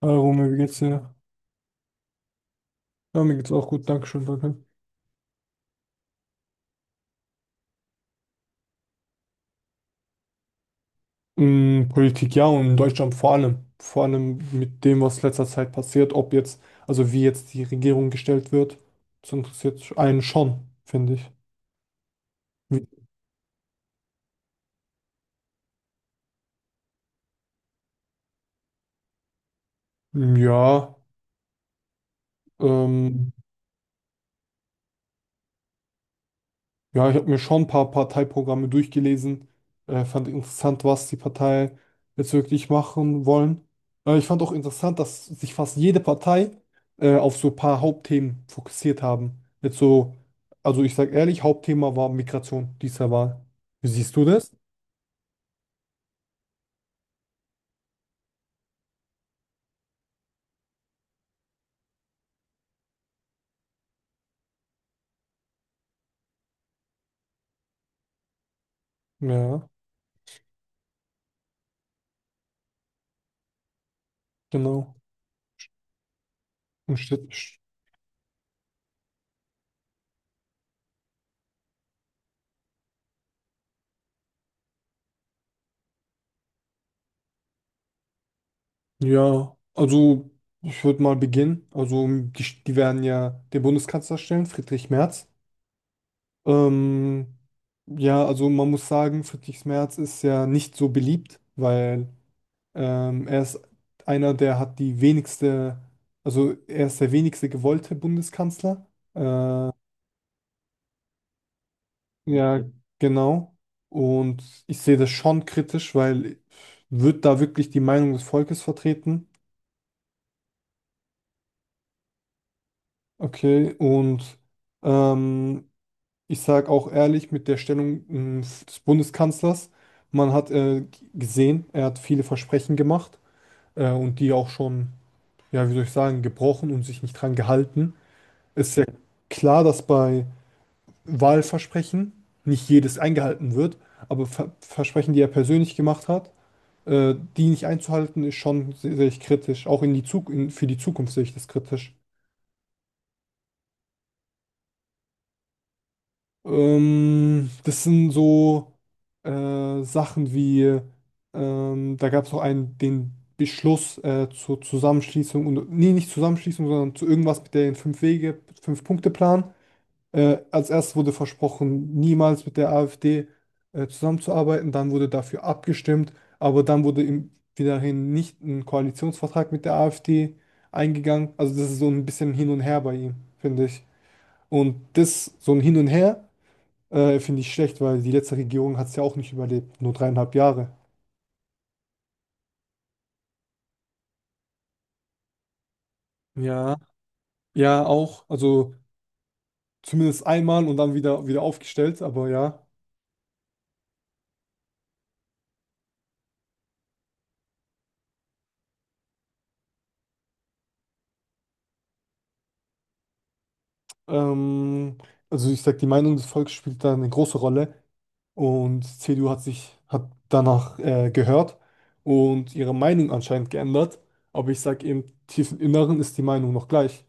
Hallo Romeo, wie geht's dir? Ja, mir geht's auch gut, Dankeschön, danke. Mm, Politik ja und in Deutschland vor allem. Vor allem mit dem, was letzter Zeit passiert, ob jetzt, also wie jetzt die Regierung gestellt wird, das interessiert einen schon, finde ich. Wie, ja, ähm, ja, ich habe mir schon ein paar Parteiprogramme durchgelesen. Fand interessant, was die Parteien jetzt wirklich machen wollen. Ich fand auch interessant, dass sich fast jede Partei auf so ein paar Hauptthemen fokussiert haben. Jetzt so, also ich sage ehrlich, Hauptthema war Migration dieser Wahl. Wie siehst du das? Ja, genau. Und st- st- Ja, also ich würde mal beginnen. Also die, die werden ja den Bundeskanzler stellen, Friedrich Merz. Ähm, ja, also man muss sagen, Friedrich Merz ist ja nicht so beliebt, weil er ist einer, der hat die wenigste, also er ist der wenigste gewollte Bundeskanzler. Äh, ja, genau. Und ich sehe das schon kritisch, weil wird da wirklich die Meinung des Volkes vertreten? Okay, und ähm, ich sage auch ehrlich, mit der Stellung des Bundeskanzlers, man hat gesehen, er hat viele Versprechen gemacht und die auch schon, ja, wie soll ich sagen, gebrochen und sich nicht dran gehalten. Ist ja klar, dass bei Wahlversprechen nicht jedes eingehalten wird, aber Versprechen, die er persönlich gemacht hat, die nicht einzuhalten, ist schon, sehe ich kritisch. Auch in die für die Zukunft sehe ich das kritisch. Das sind so Sachen wie, da gab es auch einen, den Beschluss zur Zusammenschließung, und, nee, nicht Zusammenschließung, sondern zu irgendwas mit den fünf Wege, Fünf-Punkte-Plan. Als erstes wurde versprochen, niemals mit der AfD zusammenzuarbeiten, dann wurde dafür abgestimmt, aber dann wurde im, wiederhin nicht ein Koalitionsvertrag mit der AfD eingegangen. Also das ist so ein bisschen hin und her bei ihm, finde ich. Und das, so ein Hin und Her. Finde ich schlecht, weil die letzte Regierung hat es ja auch nicht überlebt. Nur 3,5 Jahre. Ja. Ja, auch. Also zumindest einmal und dann wieder aufgestellt, aber ja. Ähm, also ich sag, die Meinung des Volkes spielt da eine große Rolle und CDU hat sich, hat danach gehört und ihre Meinung anscheinend geändert. Aber ich sag, im tiefen Inneren ist die Meinung noch gleich.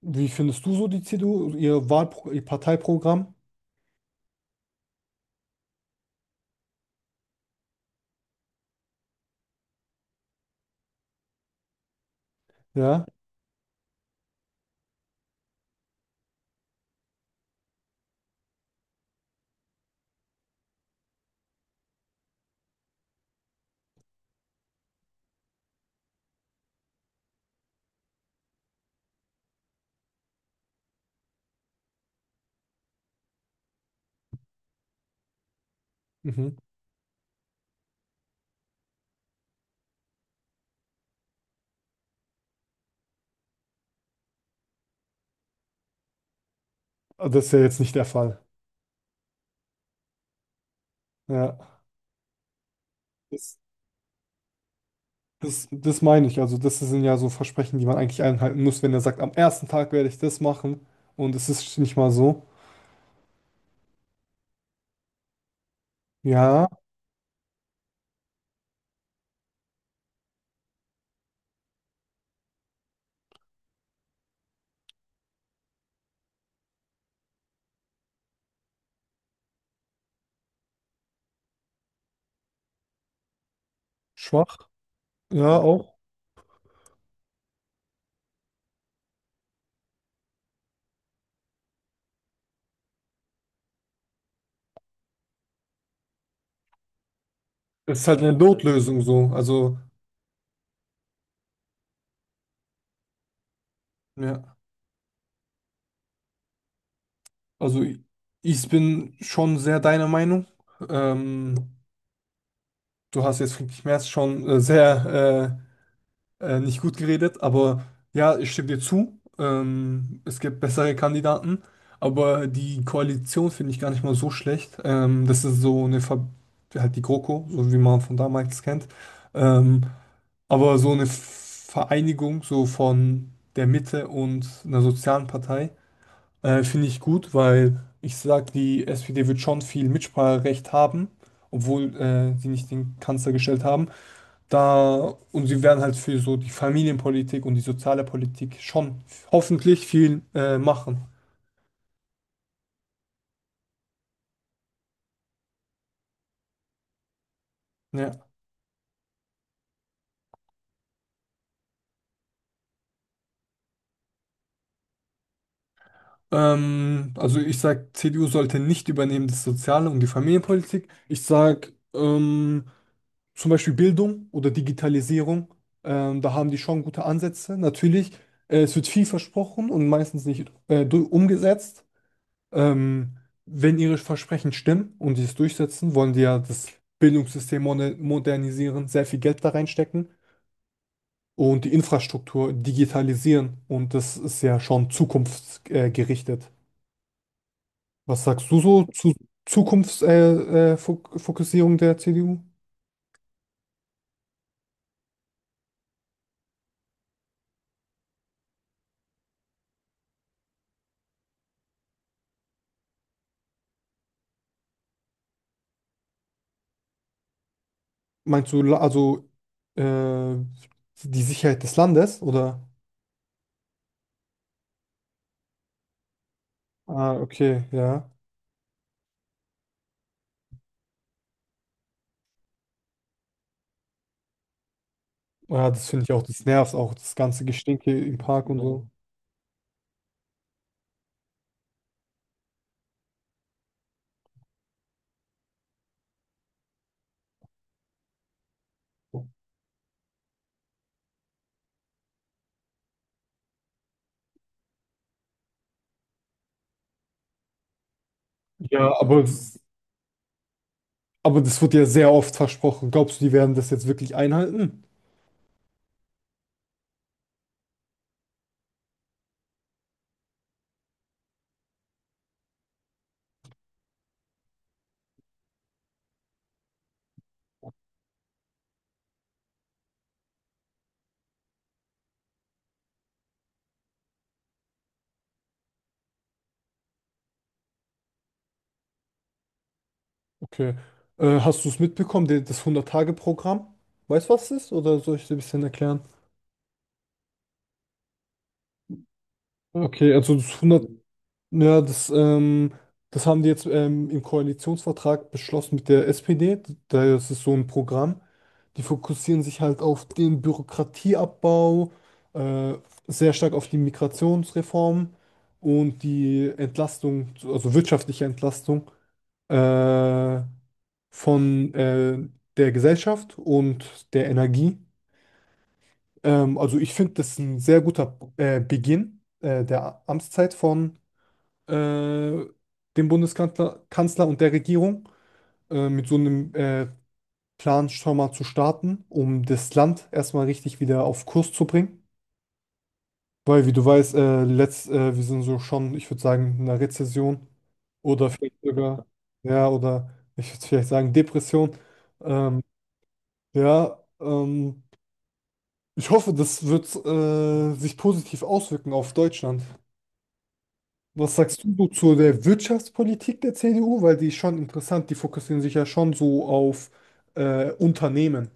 Wie findest du so die CDU, und ihr Wahlpro ihr Parteiprogramm? Ja. Mhm. Aber das ist ja jetzt nicht der Fall. Ja. Das Das, das meine ich. Also, das sind ja so Versprechen, die man eigentlich einhalten muss, wenn er sagt, am ersten Tag werde ich das machen. Und es ist nicht mal so. Ja, schwach. Ja, auch. Es ist halt eine Notlösung so. Also, ja. Also, ich bin schon sehr deiner Meinung. Ähm, Du hast jetzt, finde ich, mehr schon sehr äh, nicht gut geredet, aber ja, ich stimme dir zu. Es gibt bessere Kandidaten, aber die Koalition finde ich gar nicht mal so schlecht. Das ist so eine, Ver halt die GroKo, so wie man von damals kennt. Ähm, aber so eine Vereinigung so von der Mitte und einer sozialen Partei finde ich gut, weil ich sage, die SPD wird schon viel Mitspracherecht haben, obwohl sie nicht den Kanzler gestellt haben. Da, und sie werden halt für so die Familienpolitik und die soziale Politik schon hoffentlich viel machen. Ja. Also ich sage, CDU sollte nicht übernehmen das Soziale und die Familienpolitik. Ich sage zum Beispiel Bildung oder Digitalisierung. Da haben die schon gute Ansätze. Natürlich, es wird viel versprochen und meistens nicht umgesetzt. Ähm, Wenn ihre Versprechen stimmen und sie es durchsetzen, wollen die ja das Bildungssystem modernisieren, sehr viel Geld da reinstecken und die Infrastruktur digitalisieren. Und das ist ja schon zukunftsgerichtet. Was sagst du so zu Zukunftsfokussierung Fokussierung der CDU? Meinst du also äh, die Sicherheit des Landes oder? Ah, okay, ja. Ja, das finde ich auch, das nervt auch, das ganze Gestinke im Park und so. Ja, aber das wird ja sehr oft versprochen. Glaubst du, die werden das jetzt wirklich einhalten? Okay. Hast du es mitbekommen, das 100-Tage-Programm? Weißt du, was es ist? Oder soll ich dir ein bisschen erklären? Okay, also das 100, ja, das haben die jetzt im Koalitionsvertrag beschlossen mit der SPD. Da ist es so ein Programm. Die fokussieren sich halt auf den Bürokratieabbau, äh, sehr stark auf die Migrationsreform und die Entlastung, also wirtschaftliche Entlastung, äh, von der Gesellschaft und der Energie. Also ich finde, das ist ein sehr guter Beginn der Amtszeit von äh, dem Bundeskanzler Kanzler und der Regierung, mit so einem Plan schon mal zu starten, um das Land erstmal richtig wieder auf Kurs zu bringen. Weil, wie du weißt, wir sind so schon, ich würde sagen, in einer Rezession oder vielleicht sogar, ja, oder ich würde vielleicht sagen, Depression. Ähm, Ja, ähm, ich hoffe, das wird sich positiv auswirken auf Deutschland. Was sagst du so zu der Wirtschaftspolitik der CDU? Weil die ist schon interessant, die fokussieren sich ja schon so auf Unternehmen.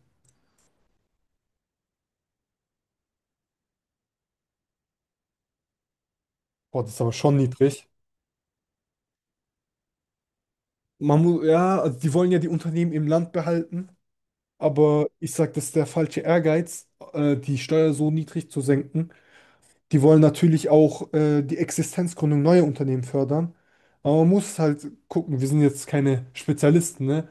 Boah, das ist aber schon niedrig. Man muss, ja, also die wollen ja die Unternehmen im Land behalten, aber ich sage, das ist der falsche Ehrgeiz, die Steuer so niedrig zu senken. Die wollen natürlich auch die Existenzgründung neuer Unternehmen fördern. Aber man muss halt gucken, wir sind jetzt keine Spezialisten, ne?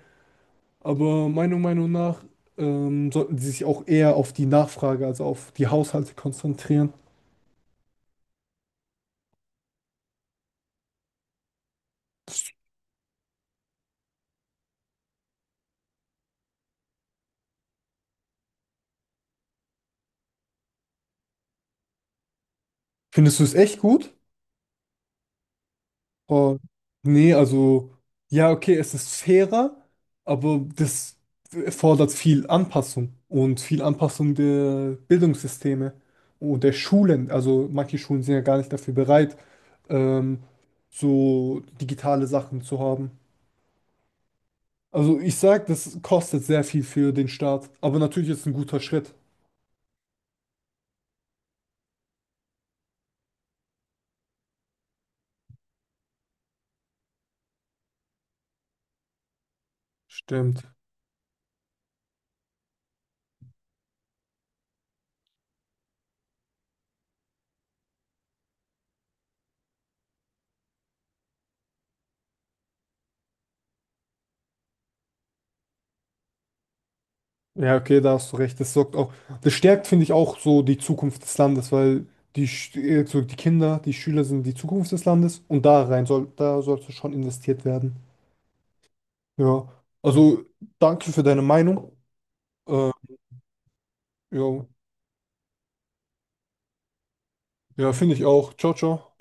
Aber meiner Meinung nach sollten sie sich auch eher auf die Nachfrage, also auf die Haushalte konzentrieren. Findest du es echt gut? Oh, nee, also, ja, okay, es ist fairer, aber das erfordert viel Anpassung und viel Anpassung der Bildungssysteme und der Schulen. Also, manche Schulen sind ja gar nicht dafür bereit, ähm, so digitale Sachen zu haben. Also, ich sag, das kostet sehr viel für den Staat, aber natürlich ist es ein guter Schritt. Stimmt. Ja, okay, da hast du recht. Das sorgt auch, das stärkt, finde ich, auch so die Zukunft des Landes, weil so die Kinder, die Schüler sind die Zukunft des Landes und da sollte schon investiert werden. Ja, also danke für deine Meinung. Äh, jo. Ja, finde ich auch. Ciao, ciao.